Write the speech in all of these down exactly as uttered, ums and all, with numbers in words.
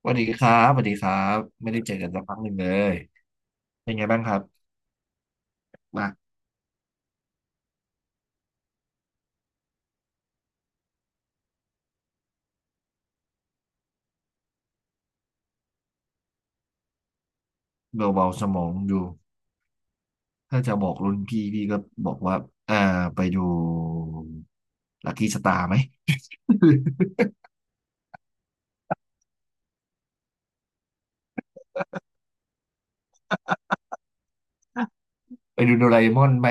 สวัสดีครับสวัสดีครับไม่ได้เจอกันสักพักหนึ่งเลยเป็นไงบ้างครับมาเบาๆสมองดูถ้าจะบอกรุ่นพี่พี่ก็บอกว่าอ่าไปดูลัคกี้สตาร์ไหม ไปดูโดราเอมอนไหม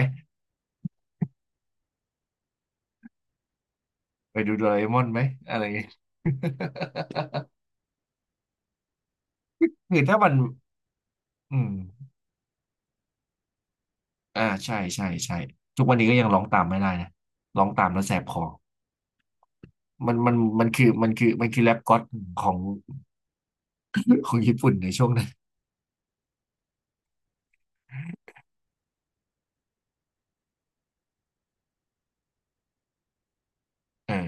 ไปดูโดราเอมอนไหมอะไรอย่างเงี้ย คือถ้ามันอืมอ่าใช่ใช่ใช่ทุกวันนี้ก็ยังร้องตามไม่ได้นะร้องตามแล้วแสบคอมันมันมันคือมันคือมันคือแรปก็อดของ ของญี่ปุ่นในช่วงนั้นเออ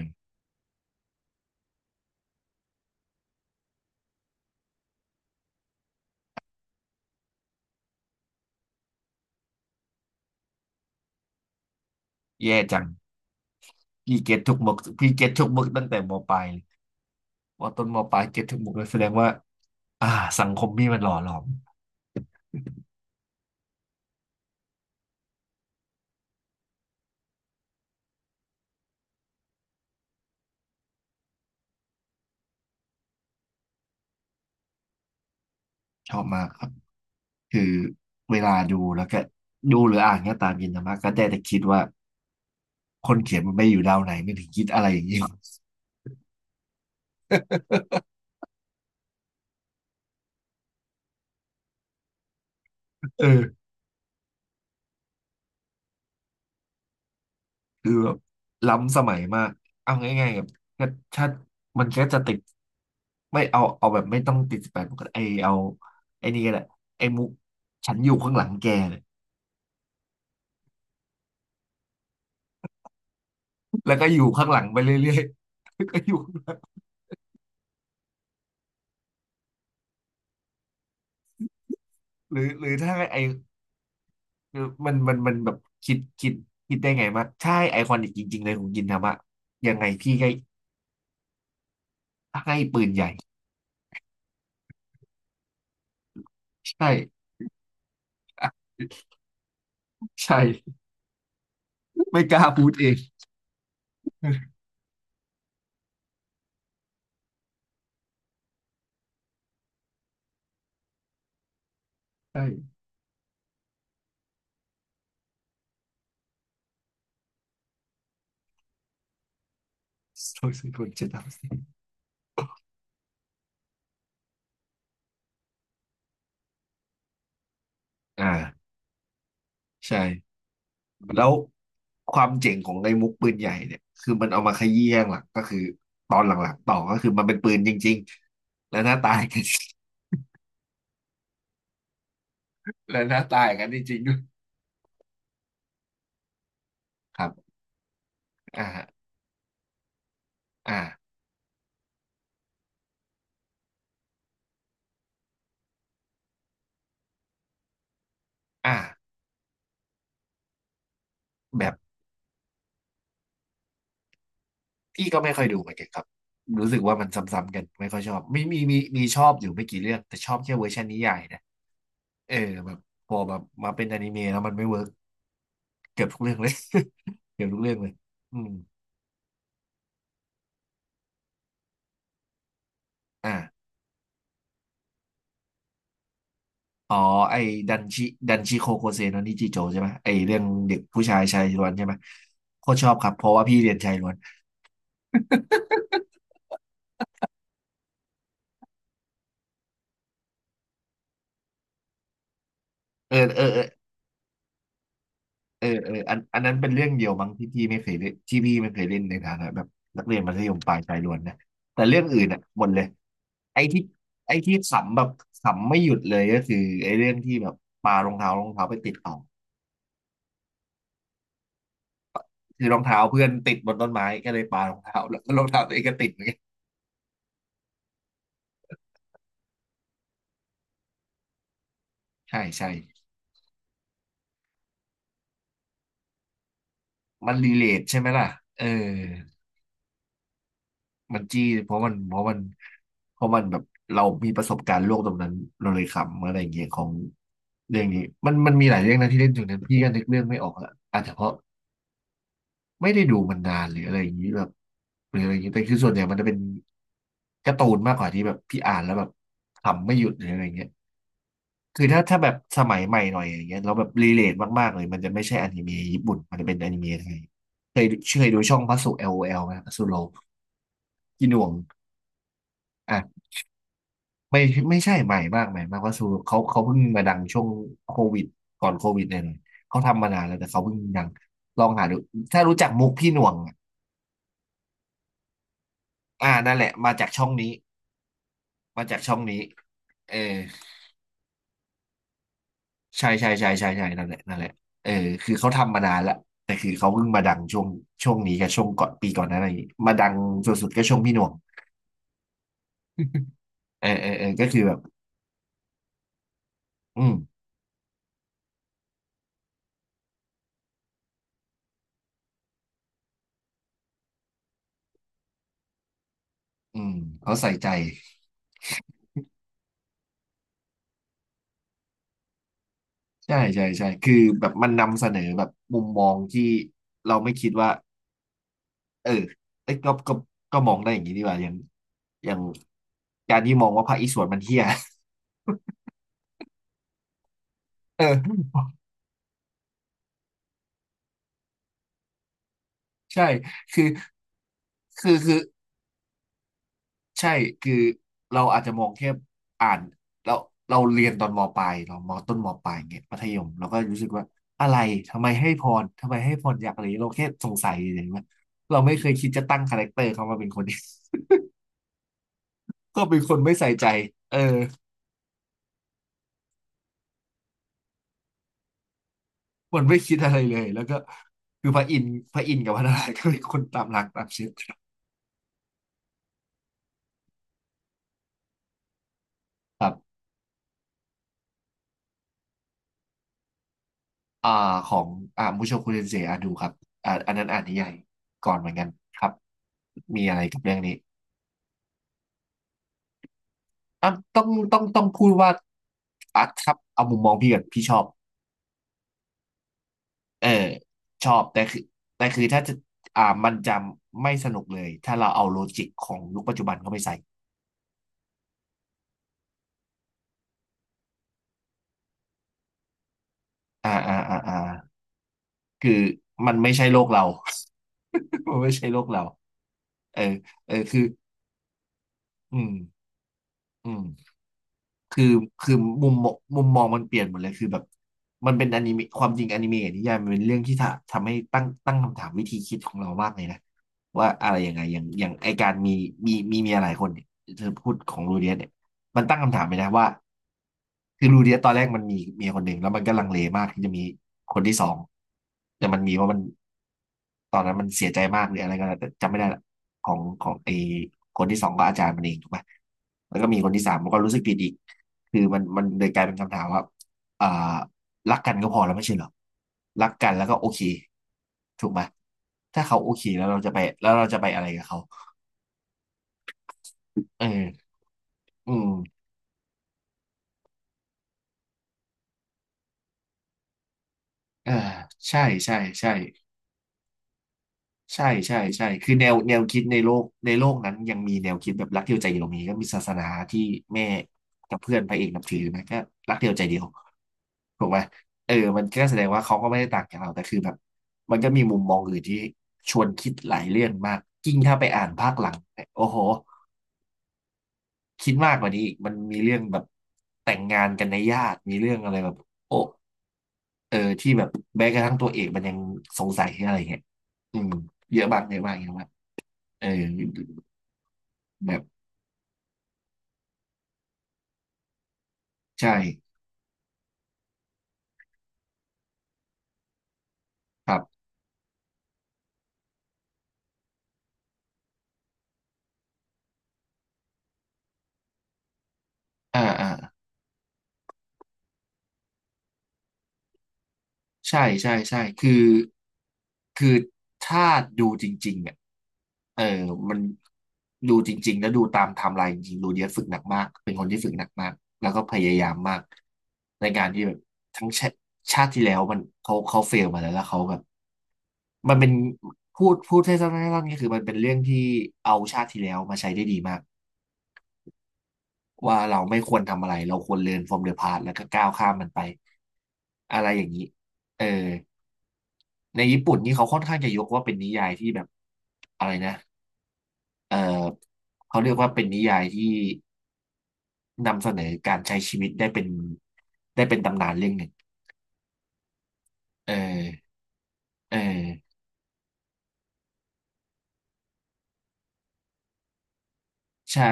แย่จัง พี่เก็ตทุกมุกพี่เก็ตทุกมุกตั้งแต่มปลายเลยว่าต้นมปลายเก็ตทุกมุกเลยแสดงว่าอ่าสังคมพี่มันหล่อหลอมชอบมากครับคือเวลาดูแล้วก็ดูหรืออ่านก็ตามยินนะมากก็ได้แต่คิดว่าคนเขียนมันไม่อยู่ดาวไหนไม่ถึงคิดอะไรอย่างนี้ เออคือแบบล้ำสมัยมาก เอาง่ายๆแบบก็ถ้ามันก็จะติดไม่เอาเอาแบบไม่ต้องติดสิบแปดก็ไอเอาไอนี่ก็แหละไอมุกฉันอยู่ข้างหลังแกเนี่ยแล้วก็อยู่ข้างหลังไปเรื่อย ก็อยู่หรือหรือถ้าไอคือมันมันมันแบบคิดคิดคิดได้ไงว่าใช่ไอคอนิกจริงๆเลยของยินทามะยังไงพี่ให้ให้ปืนใหญ่ใช่ อ่ะใช่ไม่กล้าพูดเอง ใช่โซซิคนเจ็ดดาวสิอ่าใช่แล้วความเจ๋งของไอ้มุกปืนใหญ่เนี่ยคือมันเอามาขยี้ข้างหลังก็คือตอนหลังๆต่อก็คือมันเป็นปืนจริงๆและหน้าตายกัน และหน้าตายกันจริงๆด้วยครับอ่าอ่าอ่าแบบ พี่ก็ไม่ค่อยดูเหมือนกันครับรู้สึกว่ามันซ้ำๆกันไม่ค่อยชอบมีมีมีมีชอบอยู่ไม่กี่เรื่องแต่ชอบแค่เวอร์ชันนิยายนะเออแบบพอแบบมาเป็นอนิเมะแล้วมันไม่เวิร์กเกือบทุกเรื่องเลย เกือบทุกเรื่องเลยอืมอ่ะอ๋อไอ้ดันชิดันชิโคโคเซโนนิจิโจใช่ไหมไอ้เรื่องเด็กผู้ชายชายล้วนใช่ไหมโคตรชอบครับเพราะว่าพี่เรียนชายล้วนเออเออ เออเอออันอันนั้นเป็นเรื่องเดียวมั้งที่พี่ไม่เคยเล่นที่พี่ไม่เคยเล่นในฐานะแบบนักเรียนมัธยมปลายชายล้วนนะแต่เรื่องอื่นอ่ะหมดเลยไอ้ที่ไอ้ที่ขำแบบขำไม่หยุดเลยก็คือไอ้เรื่องที่แบบปารองเท้ารองเท้าไปติดต่อคือรองเท้าเพื่อนติดบนต้นไม้ก็เลยปารองเท้าแล้วก็รองเท้าตัวเองก็ติดเหมือนกันใช่ใช่มันรีเลทใช่ไหมล่ะเออ มันจี้เพราะมันเพราะมันเพราะมันแบบเรามีประสบการณ์โลกตรงนั้นเราเลยขำอะไรอย่างเงี้ยของเรื่องนี้มันมันมีหลายเรื่องนะที่เล่นถึงนั้นพี่ก็นึกเรื่องไม่ออกละอาจจะเพราะไม่ได้ดูมันนานหรืออะไรอย่างงี้แบบหรืออะไรอย่างงี้แต่คือส่วนใหญ่มันจะเป็นการ์ตูนมากกว่าที่แบบพี่อ่านแล้วแบบขำไม่หยุดหรืออะไรอย่างเงี้ยคือถ้าถ้าแบบสมัยใหม่หน่อยอย่างเงี้ยเราแบบรีเลทมากๆเลยมันจะไม่ใช่อนิเมะญี่ปุ่นมันจะเป็นอนิเมะไทยเคยเคยดูช่องพัสุ LOL ไหมพัสุโลพี่หน่วงอ่ะ ไม่ไม่ใช่ใหม่มากใหม่มากว่าสูเขาเขาเพิ่งมาดังช่วงโควิดก่อนโควิดเนี่ยเลยเขาทำมานานแล้วแต่เขาเพิ่งดังลองหาดูถ้ารู้จักมุกพี่หน่วงอะอ่านั่นแหละมาจากช่องนี้มาจากช่องนี้เออใช่ใช่ใช่ใช่ใช่นั่นแหละนั่นแหละเออคือเขาทำมานานแล้วแต่คือเขาเพิ่งมาดังช่วงช่วงนี้กับช่วงก่อนปีก่อนหนั้นอะไรอย่างงีกมาดังสุดๆก็ช่วงพี่หน่วงเออเออเออก็คือแบบอืมอืมเขาใส่ใจใช่ใช่ใช่คือแบบมันนำเสนอแบบมุมมองที่เราไม่คิดว่า เออเอ้ยก็ก็ก็มองได้อย่างนี้ดีกว่าอย่างอย่างการที่มองว่าภาคอีสวนมันเฮี้ย เออใช่คือคือคือใช่คือเราอาจจะมองแค่อ่านเราเราเรียนตอนมปลายเรามต้นมปลายเงี้ยมัธยมเราก็รู้สึกว่าอะไรทำไมให้พรทำไมให้พรอยากอะไรเราแค่สงสัยเลยว่าเราไม่เคยคิดจะตั้งคาแรคเตอร์เขามาเป็นคนนี้ ก็เป็นคนไม่ใส่ใจเออ มันไม่คิดอะไรเลย แล้วก็คือพระอินทร์พระอินทร์กับพระนารายณ์ก็เป็นคนตามหลักตามเชื้อครับอ่าของอ่ามุโชคุเรนเซอาดูครับอ่าอันนั้นอ่านนิยายก่อนเหมือนกันครับมีอะไรกับเรื่องนี้อ่ะต้องต้องต้องพูดว่าอ่ะครับเอามุมมองพี่กันพี่ชอบเออชอบแต่คือแต่คือถ้าจะอ่ามันจะไม่สนุกเลยถ้าเราเอาโลจิกของยุคปัจจุบันเข้าไปใส่อ่าอ่าอ่าอ่าคือมันไม่ใช่โลกเรา มันไม่ใช่โลกเราเออเออคือ อืมอืม คือคือมุมมองมุมมองมันเปลี่ยนหมดเลยคือแบบมันเป็นอนิเมะความจริงอนิเมะกับนิยายมันเป็นเรื่องที่ทำทำให้ตั้งตั้งคำถามวิธีคิดของเรามากเลยนะว่าอะไรยังไงอย่างอย่างไอการมีมีมีเมียหลายคนเนี่ยเธอพูดของลูเดียสเนี่ยมันตั้งคำถามไปนะว่าคือลูเดียสตอนแรกมันมีเมียคนหนึ่งแล้วมันก็ลังเลมากที่จะมีคนที่สองแต่มันมีเพราะมันตอนนั้นมันเสียใจมากหรืออะไรก็แล้วแต่จำไม่ได้ละของของไอคนที่สองก็อาจารย์มันเองถูกไหมแล้วก็มีคนที่สามมันก็รู้สึกผิดอีก คือมันมันเลยกลายเป็นคำถามว่าอ่ารักกันก็พอแล้วไม่ใช่เหรอรักกันแล้วก็โอเคถูกไหมถ้าเขาโอเคแล้วเราจะไปแล้วเราจะไปอะไรกับเขาเอออืมเออใช่ใช่ใช่ใช่ใช่ใช่คือแนวแนวคิดในโลกในโลกนั้นยังมีแนวคิดแบบรักเดียวใจเดียวมีก็มีศาสนาที่แม่กับเพื่อนพระเอกนับถือนะก็รักเดียวใจเดียว ถูกไหมเออมันก็แสดงว่าเขาก็ไม่ได้ต่างจากเราแต่คือแบบมันก็มีมุมมองอื่นที่ชวนคิดหลายเรื่องมากยิ่งถ้าไปอ่านภาคหลังเนี่ยโอ้โหคิดมากกว่านี้อีกมันมีเรื่องแบบแต่งงานกันในญาติมีเรื่องอะไรแบบโอ้เออที่แบบแม้กระทั่งตัวเอกมันยังสงสัยอะไรเงี้ยอืมเยอะมากเยอะมากเยอะมากเออแบบใช่ครับอ่าอ่า ใช่ใช่ใช่คือคือถ้าดูจริงๆเนี่ยเออมันดูจริงๆแล้วดูตามไทม์ไลน์จริงๆดูเดียสฝึกหนักมากเป็นคนที่ฝึกหนักมากแล้วก็พยายามมากในการที่แบบทั้งชาชาติที่แล้วมันเขาเขาเฟลมาแล้วแล้วเขาแบบมันเป็นพูดพูดให้สั้นๆก็คือมันเป็นเรื่องที่เอาชาติที่แล้วมาใช้ได้ดีมากว่าเราไม่ควรทำอะไรเราควรเรียน from the past แล้วก็ก้าวข้ามมันไปอะไรอย่างนี้เออ ในญี่ปุ่นนี่เขาค่อนข้างจะยกว่าเป็นนิยายที่แบบอะไรนะเออเขาเรียกว่าเป็นนิยายที่นำเสนอการใช้ชีวิตได้เป็นได้เป็นตำนานเรื่องหนึ่งเออเออใช่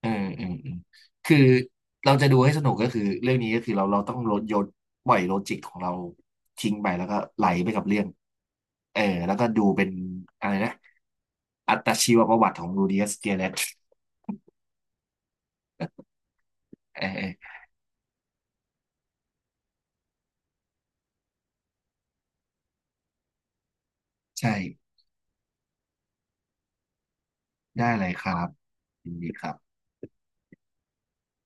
เออเออเออคือเราจะดูให้สนุกก็คือเรื่องนี้ก็คือเราเราต้องลดโยนปล่อยโลจิกของเราทิ้งไปแล้วก็ไหลไปกับเรื่องเออแล้วก็ดูเป็นอะไรนะอัตชีวประวัติของ r ูดิอัสเกียเลตเออเออใช่ ได้เลยครับยินดีครับ